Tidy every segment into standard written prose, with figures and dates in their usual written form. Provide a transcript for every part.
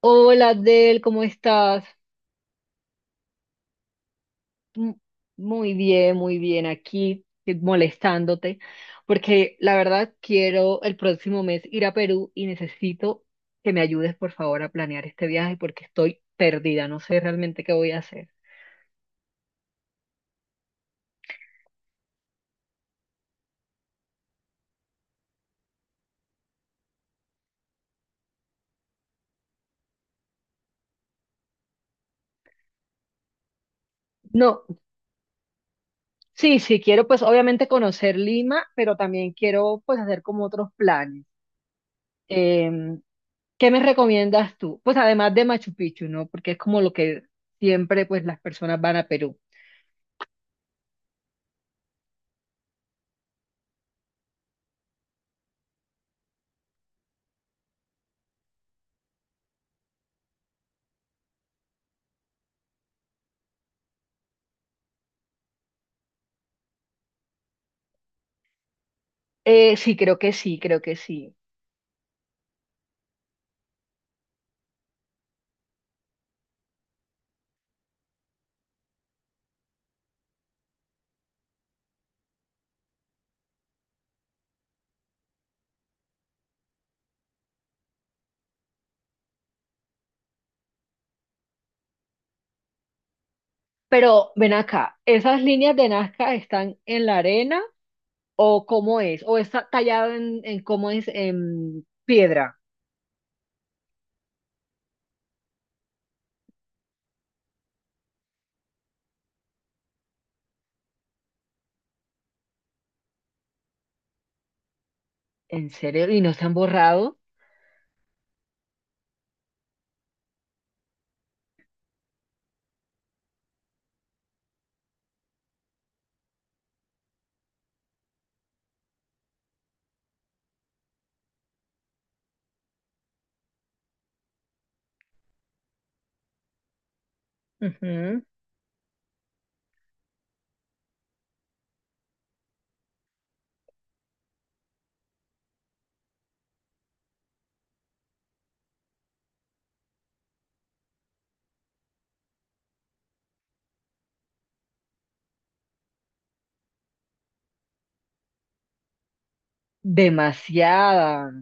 Hola, Adel, ¿cómo estás? M- muy bien, aquí molestándote, porque la verdad quiero el próximo mes ir a Perú y necesito que me ayudes, por favor, a planear este viaje porque estoy perdida, no sé realmente qué voy a hacer. No, sí, sí, quiero pues obviamente conocer Lima, pero también quiero pues hacer como otros planes. Em, ¿Qué me recomiendas tú? Pues además de Machu Picchu, ¿no? Porque es como lo que siempre pues las personas van a Perú. Sí, creo que sí, creo que sí. Pero ven acá, ¿esas líneas de Nazca están en la arena o cómo es? ¿O está tallado en cómo es en piedra? ¿En serio? ¿Y no se han borrado? Ujú. Demasiada.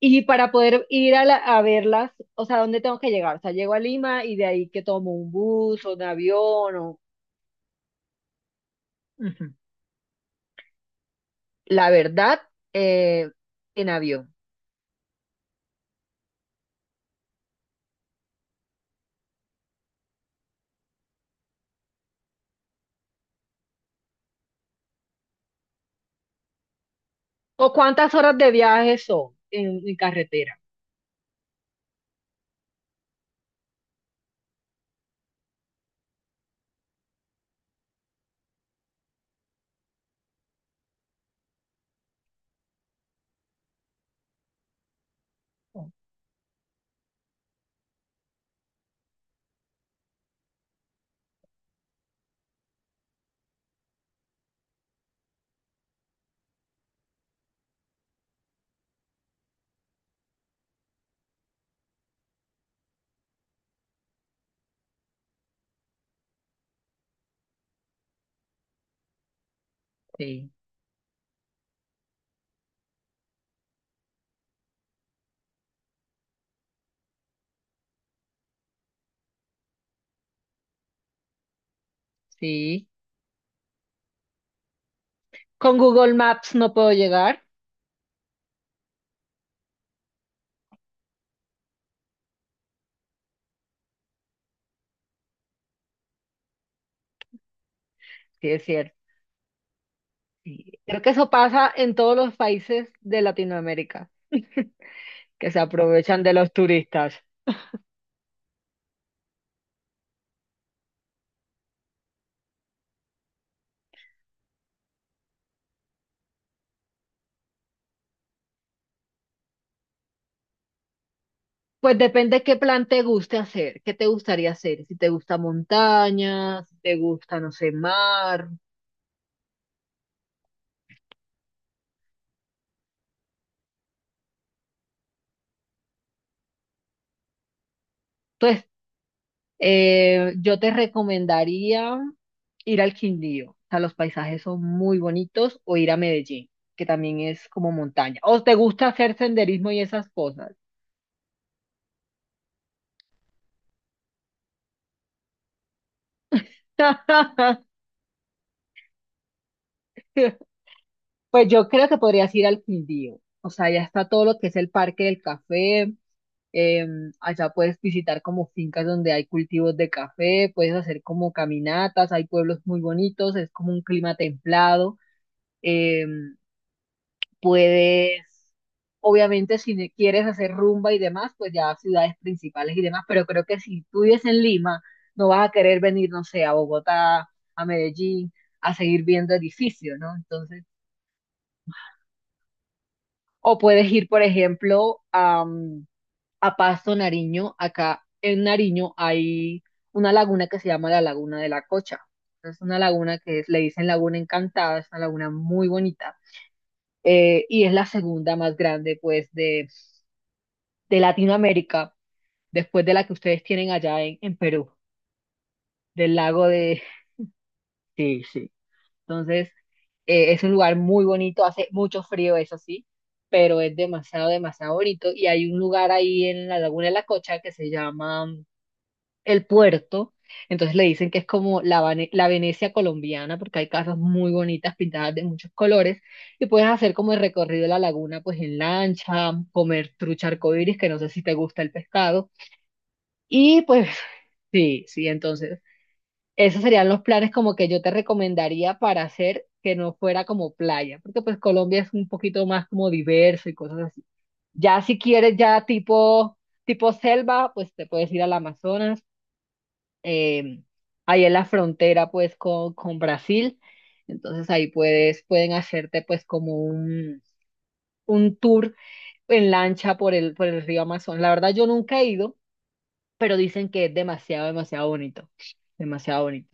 Y para poder ir a verlas, o sea, ¿dónde tengo que llegar? O sea, llego a Lima y de ahí que tomo un bus o un avión o. Ujú. La verdad, eh, en avión. ¿O cuántas horas de viaje son en carretera? Sí, con Google Maps no puedo llegar, sí es cierto. Sí. Creo que eso pasa en todos los países de Latinoamérica, que se aprovechan de los turistas. Pues depende qué plan te guste hacer, qué te gustaría hacer, si te gusta montaña, si te gusta, no sé, mar. Pues yo te recomendaría ir al Quindío, o sea, los paisajes son muy bonitos, o ir a Medellín, que también es como montaña. O te gusta hacer senderismo y esas cosas. Pues yo creo que podrías ir al Quindío. O sea, ya está todo lo que es el Parque del Café. eh, Allá puedes visitar como fincas donde hay cultivos de café, puedes hacer como caminatas, hay pueblos muy bonitos, es como un clima templado. eh, Puedes, obviamente, si quieres hacer rumba y demás, pues ya a ciudades principales y demás, pero creo que si tú vives en Lima, no vas a querer venir, no sé, a Bogotá, a Medellín, a seguir viendo edificios, ¿no? Entonces o puedes ir, por ejemplo, a Pasto, Nariño. Acá en Nariño hay una laguna que se llama la Laguna de la Cocha. Es una laguna que le dicen Laguna Encantada, es una laguna muy bonita. Y es la segunda más grande, pues, de Latinoamérica, después de la que ustedes tienen allá en Perú, del lago de. Entonces, es un lugar muy bonito, hace mucho frío, eso sí, pero es demasiado, demasiado bonito. Y hay un lugar ahí en la Laguna de la Cocha que se llama El Puerto. Entonces le dicen que es como la Venecia colombiana, porque hay casas muy bonitas pintadas de muchos colores. Y puedes hacer como el recorrido de la laguna, pues en lancha, comer trucha arcoíris, que no sé si te gusta el pescado. Y pues sí, sí, entonces. Esos serían los planes como que yo te recomendaría para hacer que no fuera como playa, porque pues Colombia es un poquito más como diverso y cosas así. Ya si quieres ya tipo selva, pues te puedes ir al Amazonas, eh, ahí en la frontera pues con Brasil, entonces ahí puedes, pueden hacerte pues como un tour en lancha por el río Amazonas. La verdad yo nunca he ido, pero dicen que es demasiado, demasiado bonito, demasiado bonito.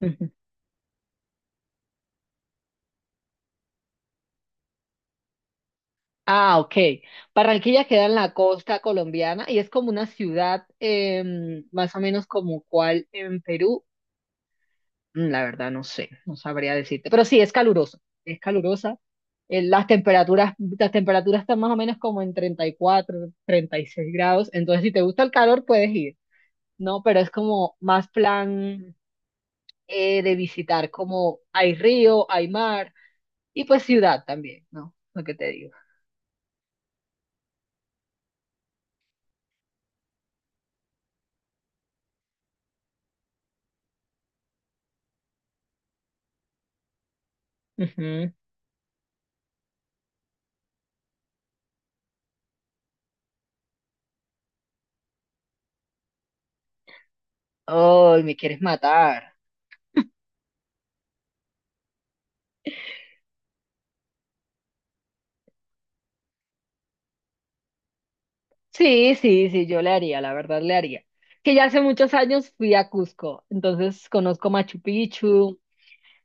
Ah, ok. Barranquilla queda en la costa colombiana y es como una ciudad más o menos como cual en Perú. La verdad no sé, no sabría decirte. Pero sí, es caluroso, es calurosa. Eh, las temperaturas, las temperaturas están más o menos como en 30 34, 36 grados. Entonces, si te gusta el calor, puedes ir, ¿no? Pero es como más plan de visitar, como hay río, hay mar y pues ciudad también, ¿no? Lo que te digo. Ujú. Ay, me quieres matar. Sí, sí, sí, yo le haría, la verdad le haría. Que ya hace muchos años fui a Cusco, entonces conozco Machu Picchu,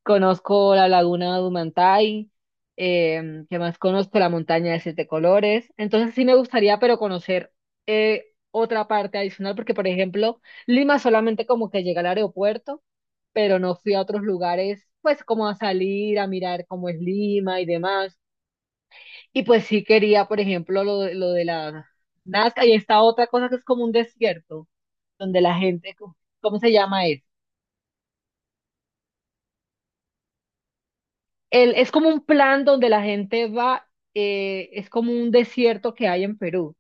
conozco la laguna de Humantay, ¿qué más conozco? La montaña de siete colores. Entonces sí me gustaría, pero conocer eh, otra parte adicional, porque por ejemplo, Lima solamente como que llega al aeropuerto, pero no fui a otros lugares, pues como a salir, a mirar cómo es Lima y demás. Y pues sí quería, por ejemplo, lo de la Nazca y esta otra cosa que es como un desierto, donde la gente, ¿cómo se llama eso? Es como un plan donde la gente va, es como un desierto que hay en Perú.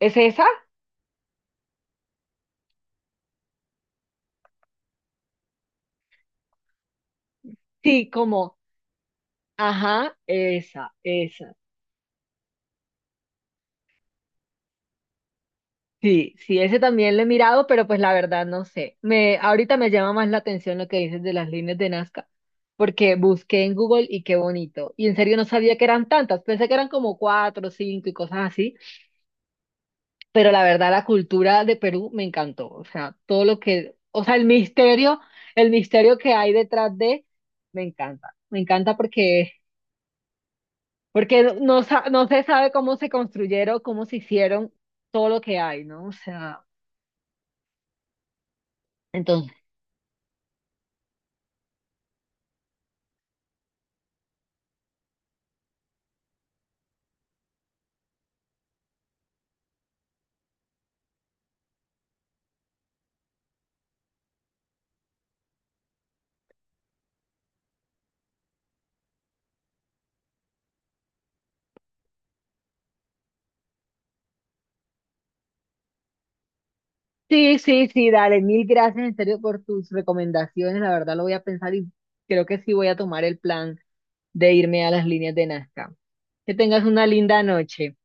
¿Es esa? Sí, como, ajá, esa, esa. Sí, sí, ese también lo he mirado, pero pues la verdad no sé. Ahorita me llama más la atención lo que dices de las líneas de Nazca, porque busqué en Google y qué bonito. Y en serio no sabía que eran tantas, pensé que eran como cuatro, cinco y cosas así, pero la verdad la cultura de Perú me encantó. O sea, todo lo que, o sea, el misterio que hay detrás de, me encanta. Me encanta porque no se sabe cómo se construyeron, cómo se hicieron todo lo que hay, ¿no? O sea. Sí, sí, sí, dale, mil gracias en serio por tus recomendaciones, la verdad lo voy a pensar y creo que sí voy a tomar el plan de irme a las líneas de Nazca. Que tengas una linda noche.